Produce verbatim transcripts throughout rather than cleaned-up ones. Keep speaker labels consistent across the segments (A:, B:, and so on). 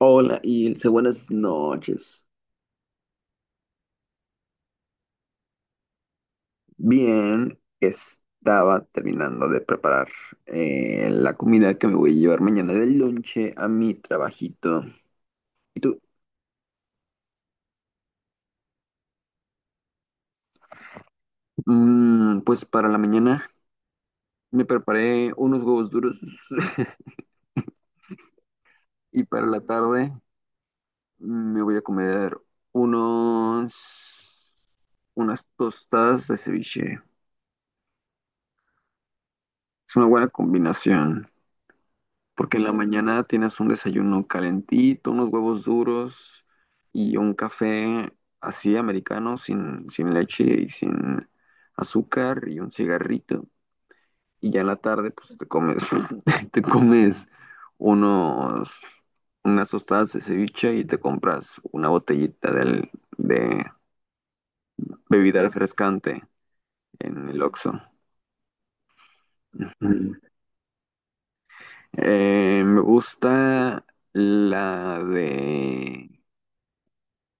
A: Hola, Ilse, buenas noches. Bien, estaba terminando de preparar eh, la comida que me voy a llevar mañana del lonche a mi trabajito. ¿Y tú? Mm, pues para la mañana me preparé unos huevos duros y para la tarde me voy a comer unos, unas tostadas de ceviche. Es una buena combinación. Porque en la mañana tienes un desayuno calentito, unos huevos duros y un café así americano, sin, sin leche y sin azúcar y un cigarrito. Y ya en la tarde, pues te comes, te comes unos, unas tostadas de ceviche y te compras una botellita del- de bebida refrescante en el Oxxo. Mm. Eh, me gusta la de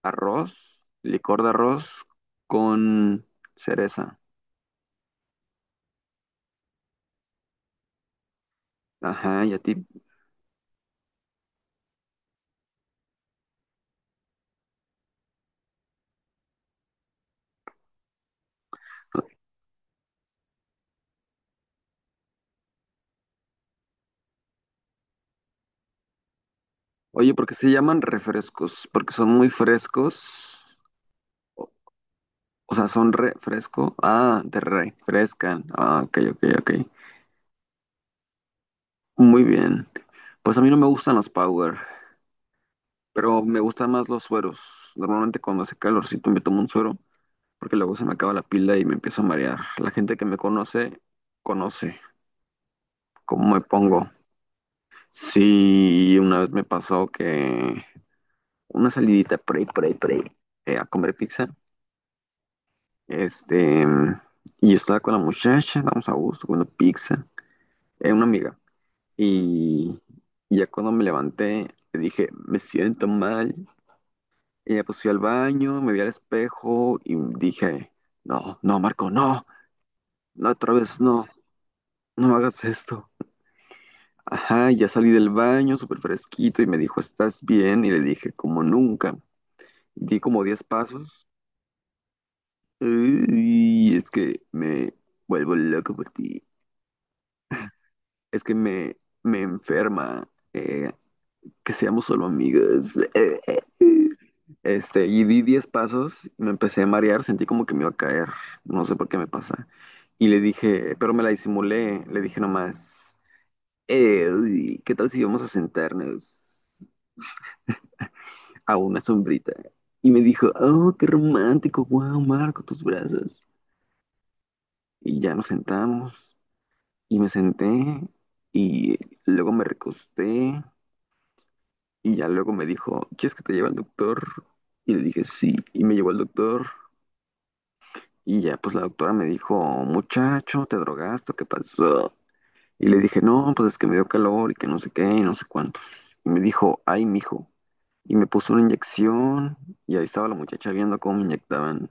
A: arroz, licor de arroz con cereza. Ajá, ¿y a ti? Oye, ¿porque se llaman refrescos? Porque son muy frescos. O, o sea, son refresco. Ah, te refrescan. Ah, ok, ok, ok. Muy bien. Pues a mí no me gustan los power, pero me gustan más los sueros. Normalmente cuando hace calorcito me tomo un suero, porque luego se me acaba la pila y me empiezo a marear. La gente que me conoce, conoce cómo me pongo. Sí, una vez me pasó que una salidita por ahí, por ahí, por ahí, eh, a comer pizza. Este, y yo estaba con la muchacha, estábamos a gusto comiendo pizza, eh, una amiga. Y, ya cuando me levanté, le dije, me siento mal. Y ya pues fui al baño, me vi al espejo y dije, no, no, Marco, no, no, otra vez no, no hagas esto. Ajá, ya salí del baño súper fresquito y me dijo, ¿estás bien? Y le dije, como nunca. Di como diez pasos. Y es que me vuelvo loco por ti. Es que me, me enferma eh, que seamos solo amigos. Este, y di diez pasos, me empecé a marear, sentí como que me iba a caer. No sé por qué me pasa. Y le dije, pero me la disimulé. Le dije nomás, eh, uy, ¿qué tal si vamos a sentarnos a una sombrita? Y me dijo, oh, qué romántico, wow, Marco, tus brazos. Y ya nos sentamos. Y me senté y luego me recosté y ya luego me dijo, ¿quieres que te lleve al doctor? Y le dije, sí, y me llevó al doctor y ya pues la doctora me dijo, muchacho, ¿te drogaste? O ¿qué pasó? Y le dije, no, pues es que me dio calor y que no sé qué y no sé cuántos. Y me dijo, ay, mijo. Y me puso una inyección y ahí estaba la muchacha viendo cómo me inyectaban.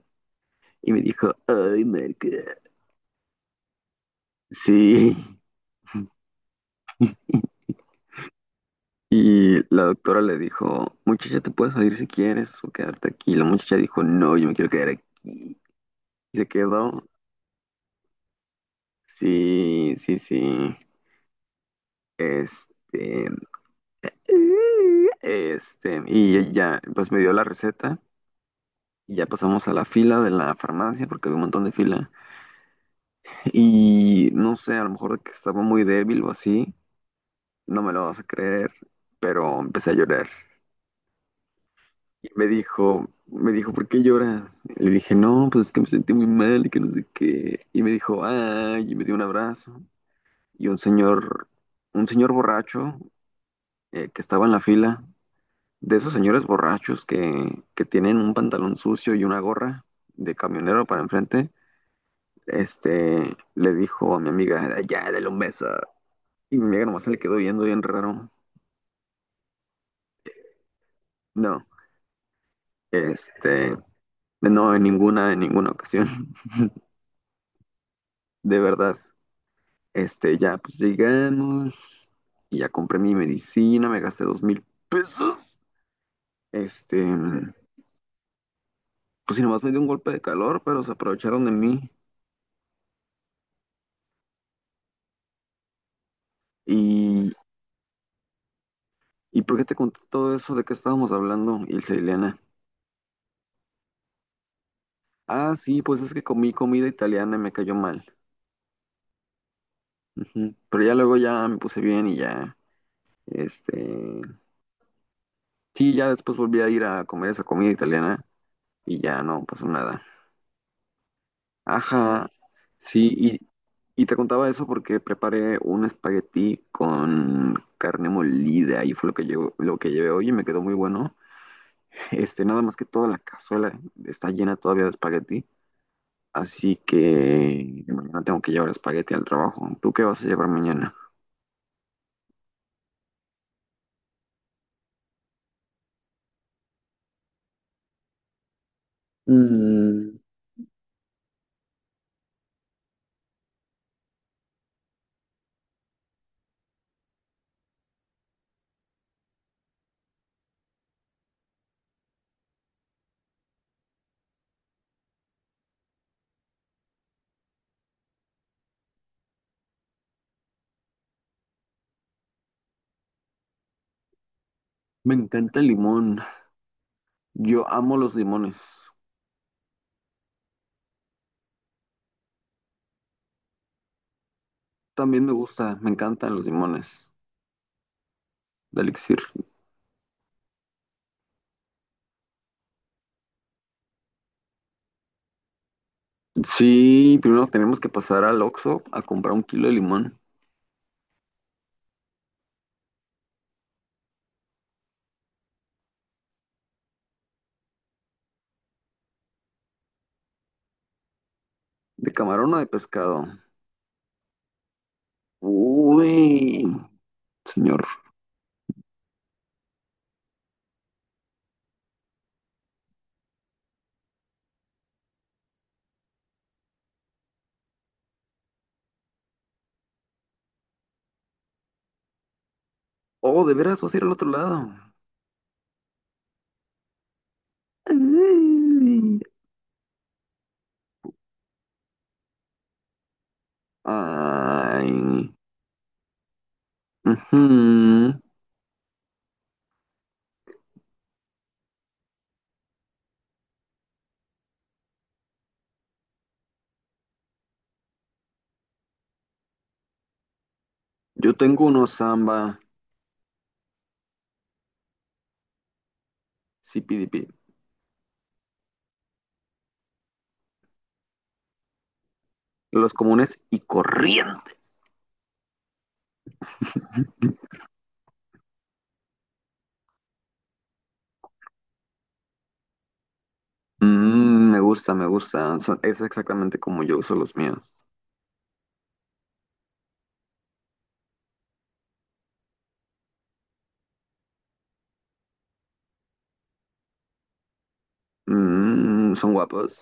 A: Y me dijo, ay, merca. Sí. Y la doctora le dijo, muchacha, te puedes salir si quieres o quedarte aquí. La muchacha dijo, no, yo me quiero quedar aquí. Y se quedó. Sí, sí, sí. Este, este, y ya, pues me dio la receta. Y ya pasamos a la fila de la farmacia porque había un montón de fila. Y no sé, a lo mejor que estaba muy débil o así, no me lo vas a creer, pero empecé a llorar. Y me dijo, me dijo, ¿por qué lloras? Y le dije, no, pues es que me sentí muy mal y que no sé qué. Y me dijo, ay, y me dio un abrazo. Y un señor, un señor borracho eh, que estaba en la fila, de esos señores borrachos que, que tienen un pantalón sucio y una gorra de camionero para enfrente, este, le dijo a mi amiga, ya, dale un beso. Y mi amiga nomás se le quedó viendo bien raro. No, este, no, en ninguna, en ninguna ocasión, de verdad. Este, ya, pues llegamos y ya compré mi medicina, me gasté dos mil pesos. Este, pues si nomás me dio un golpe de calor, pero se aprovecharon de mí. ¿Y, ¿y por qué te conté todo eso? ¿De qué estábamos hablando, Ilse y Liliana? Ah, sí, pues es que comí comida italiana y me cayó mal. Ujú. Pero ya luego ya me puse bien y ya, este, sí, ya después volví a ir a comer esa comida italiana y ya no pasó nada. Ajá, sí, y te contaba eso porque preparé un espagueti con carne molida y fue lo que llevo, lo que llevé hoy y me quedó muy bueno. Este, nada más que toda la cazuela está llena todavía de espagueti, así que mañana tengo que llevar espagueti al trabajo. ¿Tú qué vas a llevar mañana? Mm, me encanta el limón. Yo amo los limones. También me gusta, me encantan los limones de elixir. Sí, primero tenemos que pasar al Oxxo a comprar un kilo de limón, de camarón o de pescado. Uy, señor. Oh, de veras vas a ir al otro lado. Ay. Ay. Ujú. Yo tengo unos samba, sí C P D P, los comunes y corriente. Mm, me gusta, me gusta. Son- es exactamente como yo uso los míos. Mm, son guapos,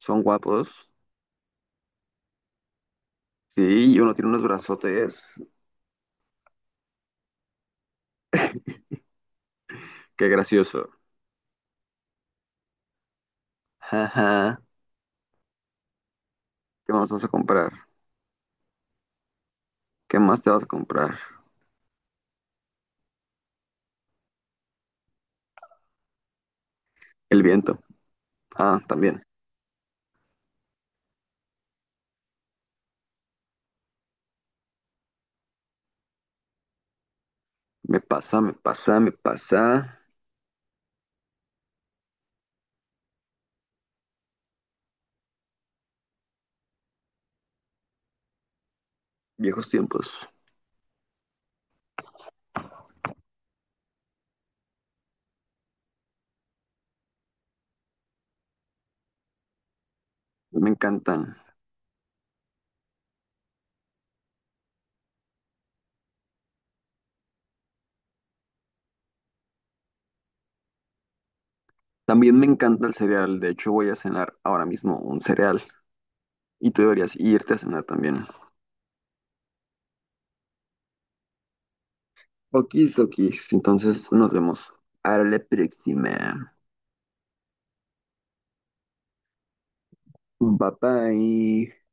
A: son guapos. Sí, y uno tiene unos brazotes. Qué gracioso. Jaja. ¿Qué más vas a comprar? ¿Qué más te vas a comprar? El viento. Ah, también. Me pasa, me pasa, me pasa. Viejos tiempos. Me encantan. También me encanta el cereal. De hecho, voy a cenar ahora mismo un cereal. Y tú deberías irte a cenar también. Okis, okis. Entonces nos vemos. A la próxima. Bye bye.